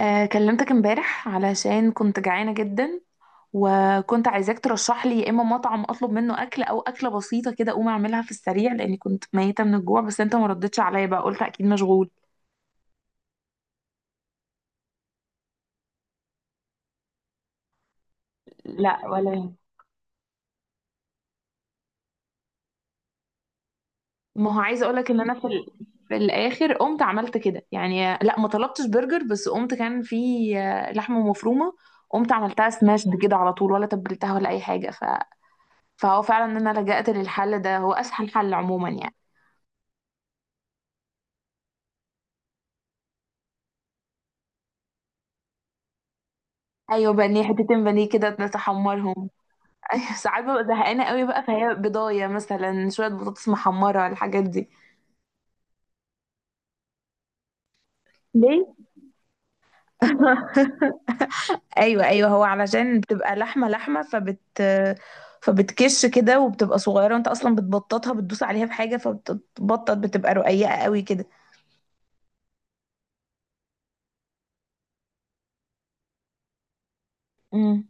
كلمتك امبارح علشان كنت جعانة جدا. وكنت عايزاك ترشح لي يا اما مطعم اطلب منه اكل او اكلة بسيطة كده اقوم اعملها في السريع لاني كنت ميتة من الجوع. بس انت ما ردتش عليا بقى قلت اكيد مشغول. لا ولا يهمك. ما هو عايزة اقولك ان انا في الاخر قمت عملت كده يعني لا ما طلبتش برجر بس قمت كان في لحمة مفرومة. قمت عملتها سماشد كده على طول ولا تبلتها ولا اي حاجة فهو فعلا ان انا لجأت للحل ده هو اسهل حل عموما يعني. ايوه بانيه حتتين بانيه كده تحمرهم. ايوه ساعات ببقى زهقانه قوي بقى فهي بضايه مثلا شويه بطاطس محمره الحاجات دي. ليه؟ ايوه، ايوه، هو علشان بتبقى لحمه لحمه فبتكش كده وبتبقى صغيره وانت اصلا بتبططها بتدوس عليها بحاجه فبتبطط بتبقى رقيقه قوي كده. امم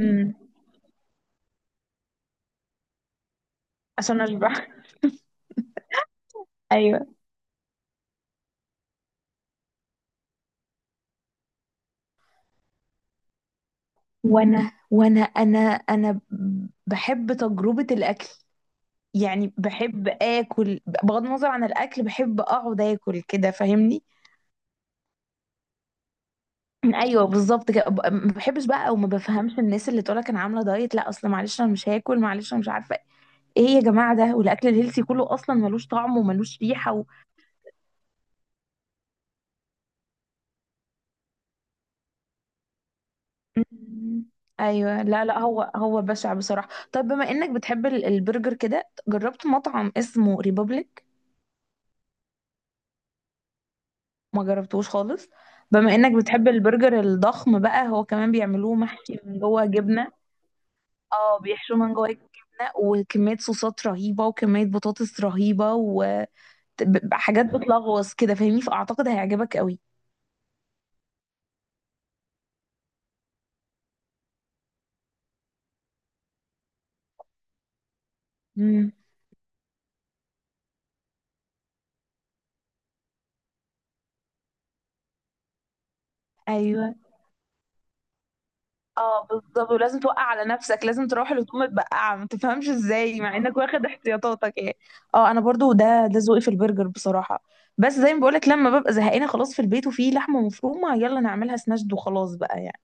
امم. عشان اشبع. ايوه. وانا وانا انا انا بحب تجربه الاكل. يعني بحب اكل بغض النظر عن الاكل بحب اقعد اكل كده فاهمني. ايوه بالظبط كده ما بحبش بقى او ما بفهمش الناس اللي تقولك انا عامله دايت لا اصل معلش انا مش هاكل معلش انا مش عارفه ايه يا جماعه ده. والاكل الهيلثي كله اصلا ملوش طعم وملوش ريحه م- ايوه، لا لا، هو بشع بصراحه. طب بما انك بتحب البرجر كده جربت مطعم اسمه ريبابليك؟ ما جربتوش خالص. بما انك بتحب البرجر الضخم بقى هو كمان بيعملوه محشي من جوه جبنه. اه بيحشوه من جوه الجبنه وكميه صوصات رهيبه وكميه بطاطس رهيبه وحاجات. بتلغوص كده فاهمني فاعتقد هيعجبك قوي. امم. ايوه. اه بالظبط ولازم توقع على نفسك لازم تروح لتقوم متبقعه ما تفهمش ازاي مع انك واخد احتياطاتك يعني. اه انا برضو ده ذوقي في البرجر بصراحه. بس زي ما بقولك لما ببقى زهقانه خلاص في البيت وفي لحمه مفرومه يلا نعملها سناشد وخلاص بقى يعني.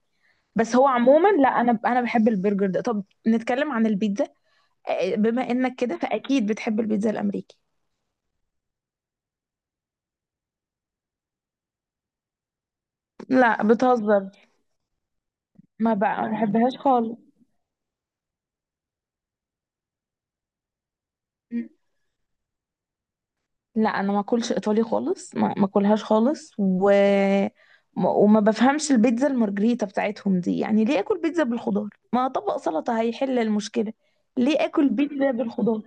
بس هو عموما لا انا بحب البرجر ده. طب نتكلم عن البيتزا. بما انك كده فاكيد بتحب البيتزا الامريكي. لا بتهزر. ما بقى ما بحبهاش خالص. مم. لا انا ما اكلش ايطالي خالص ما اكلهاش خالص و وما بفهمش البيتزا المارجريتا بتاعتهم دي. يعني ليه اكل بيتزا بالخضار؟ ما طبق سلطة هيحل المشكلة. ليه اكل بيتزا بالخضار؟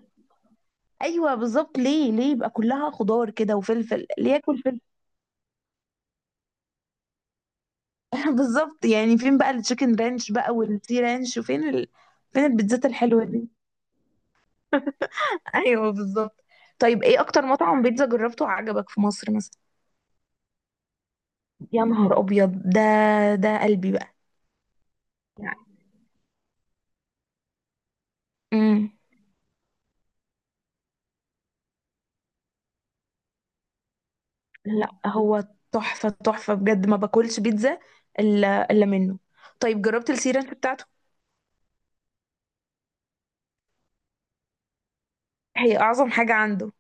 ايوه بالظبط ليه يبقى كلها خضار كده وفلفل؟ ليه اكل فلفل؟ بالظبط. يعني فين بقى التشيكن رانش بقى والسي رانش فين البيتزات الحلوة دي. ايوه بالظبط. طيب ايه اكتر مطعم بيتزا جربته وعجبك في مصر مثلا؟ يا نهار ابيض ده. ده قلبي بقى يعني. امم. لا هو تحفه، تحفه بجد. ما باكلش بيتزا الا منه. طيب جربت السيرانش بتاعته؟ هي اعظم حاجه عنده.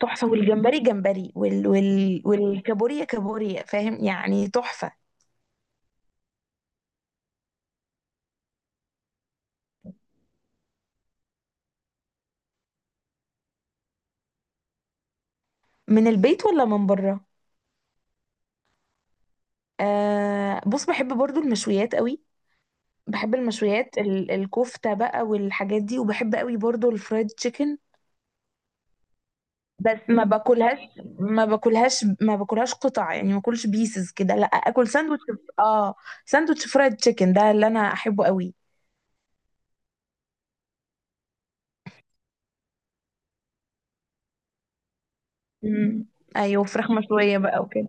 تحفه. والجمبري جمبري والكابوريا كابوريا فاهم يعني تحفه. من البيت ولا من بره؟ آه بص بحب برضو المشويات قوي. بحب المشويات الكفتة بقى والحاجات دي وبحب قوي برضو الفرايد تشيكن. بس ما باكلهاش. ما باكلهاش قطع يعني ما باكلش بيسز كده لا اكل ساندوتش. اه ساندوتش فرايد تشيكن ده اللي انا احبه قوي. امم. ايوه فراخ مشوية بقى وكده.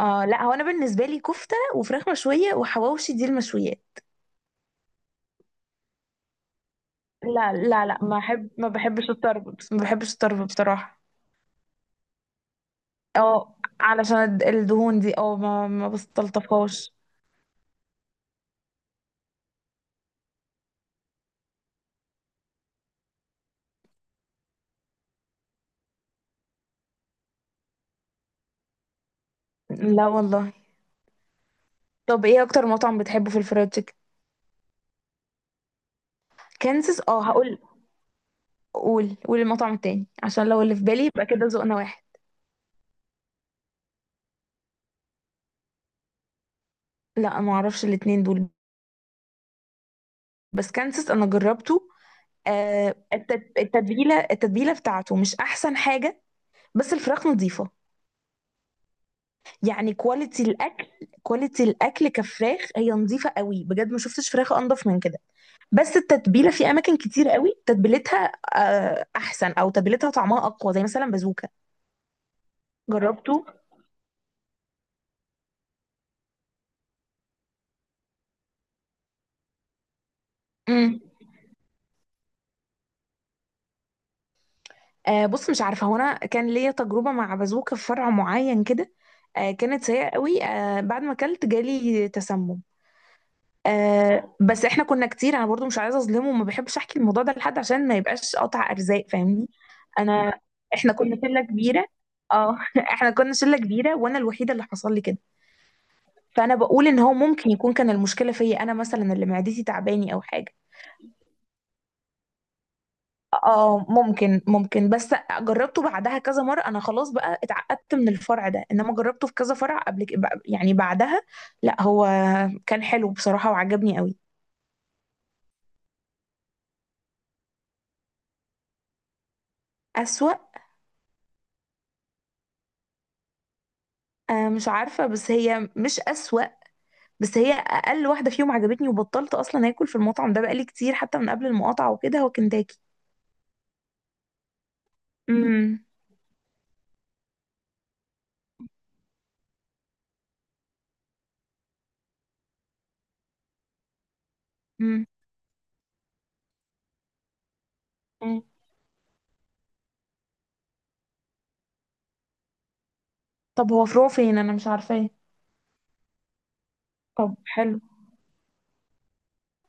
اه لا هو انا بالنسبة لي كفتة وفراخ مشوية وحواوشي دي المشويات. لا، لا، لا، ما احب، ما بحبش الطرب، ما بحبش الطرب بصراحة. اه علشان الدهون دي اه ما بستلطفهاش. لا والله. طب ايه اكتر مطعم بتحبه في الفرايد تشيكن؟ كانسس. اه هقول. قول المطعم التاني عشان لو اللي في بالي يبقى كده ذوقنا واحد. لا ما اعرفش الاتنين دول. بس كانسس انا جربته. آه التتبيله بتاعته مش احسن حاجه. بس الفراخ نظيفه. يعني كواليتي الاكل. كواليتي الاكل كفراخ هي نظيفه قوي بجد. ما شفتش فراخ انضف من كده. بس التتبيله في اماكن كتير قوي تتبيلتها احسن او تتبيلتها طعمها اقوى زي مثلا بازوكا. جربته. آه بص مش عارفه هو انا كان ليا تجربه مع بازوكه في فرع معين كده. كانت سيئه قوي. بعد ما اكلت جالي تسمم. بس احنا كنا كتير انا برضو مش عايزه اظلمه وما بحبش احكي الموضوع ده لحد عشان ما يبقاش قطع ارزاق فاهمني. انا، احنا كنا شله كبيره. اه احنا كنا شله كبيره وانا الوحيده اللي حصل لي كده. فانا بقول ان هو ممكن يكون كان المشكله فيا انا مثلا اللي معدتي تعباني او حاجه. اه ممكن بس. جربته بعدها كذا مرة. انا خلاص بقى اتعقدت من الفرع ده انما جربته في كذا فرع قبل يعني بعدها. لا هو كان حلو بصراحة وعجبني قوي. اسوأ؟ آه مش عارفة. بس هي مش اسوأ. بس هي اقل واحدة فيهم عجبتني وبطلت اصلا اكل في المطعم ده بقالي كتير حتى من قبل المقاطعة وكده هو كنتاكي. امم. امم. مم. طب هو فروع فين؟ انا مش عارفاه. طب حلو.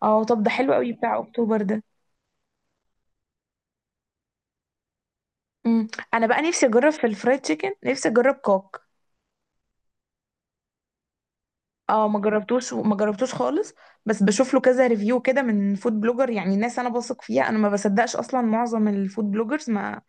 اه طب ده حلو قوي بتاع اكتوبر ده. امم. انا بقى نفسي اجرب في الفرايد تشيكن. نفسي اجرب كوك. اه ما جربتوش خالص. بس بشوف له كذا ريفيو كده من فود بلوجر. يعني ناس انا بثق فيها. انا ما بصدقش اصلا معظم الفود بلوجرز ما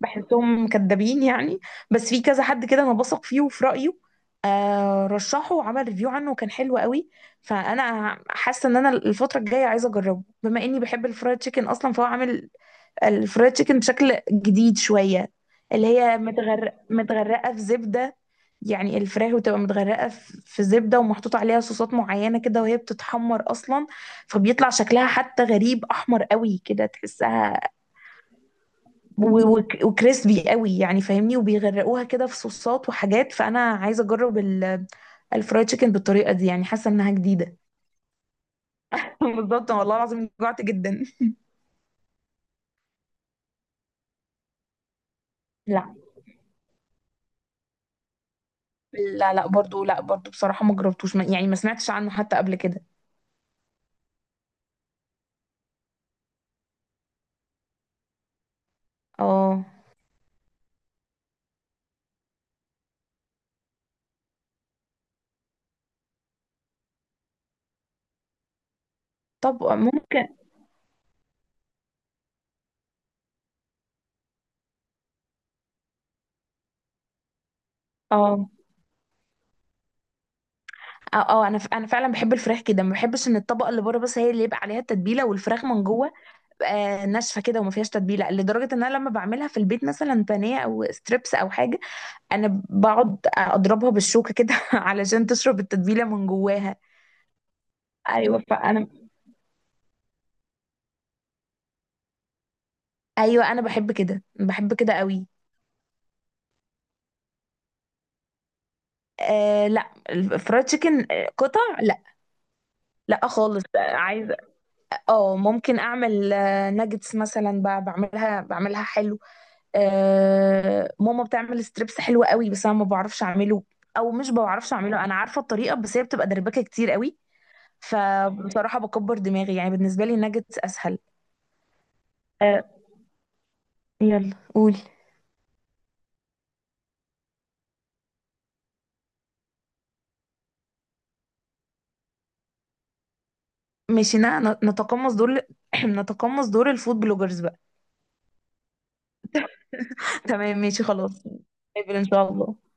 بحسهم كدابين يعني. بس في كذا حد كده انا بثق فيه وفي رايه. آه رشحه وعمل ريفيو عنه وكان حلو قوي. فانا حاسه ان انا الفتره الجايه عايزه اجربه بما اني بحب الفرايد تشيكن اصلا. فهو عامل الفرايد تشيكن بشكل جديد شوية. اللي هي متغرقة في زبدة. يعني الفراخ بتبقى متغرقة في زبدة ومحطوط عليها صوصات معينة كده وهي بتتحمر أصلا. فبيطلع شكلها حتى غريب أحمر قوي كده تحسها. وكريسبي قوي يعني فاهمني وبيغرقوها كده في صوصات وحاجات. فأنا عايزة أجرب الفرايد تشيكن بالطريقة دي. يعني حاسة إنها جديدة. بالظبط والله العظيم جوعت جدا. لا، لا، لا، برضو لا برضو بصراحة ما جربتوش. يعني ما سمعتش عنه حتى قبل كده. اه طب ممكن. اه، اه، انا انا فعلا بحب الفراخ كده. ما بحبش ان الطبقه اللي بره بس هي اللي يبقى عليها التتبيله والفراخ من جوه آه ناشفه كده وما فيهاش تتبيله لدرجه ان انا لما بعملها في البيت مثلا بانيه او ستريبس او حاجه انا بقعد اضربها بالشوكه كده علشان تشرب التتبيله من جواها. ايوه فانا. ايوه انا بحب كده، بحب كده قوي. آه لا الفرايد تشيكن قطع لا. لا خالص عايزه. اه ممكن اعمل آه ناجتس مثلا بعملها حلو. ماما بتعمل ستريبس حلو قوي. بس انا ما بعرفش اعمله. او مش بعرفش اعمله. انا عارفه الطريقه بس هي بتبقى دربكه كتير قوي. فبصراحه بكبر دماغي. يعني بالنسبه لي الناجتس اسهل. آه يلا قولي. ماشي نتقمص دور نتقمص دور الفود بلوجرز بقى. تمام ماشي خلاص نتقابل ان شاء الله.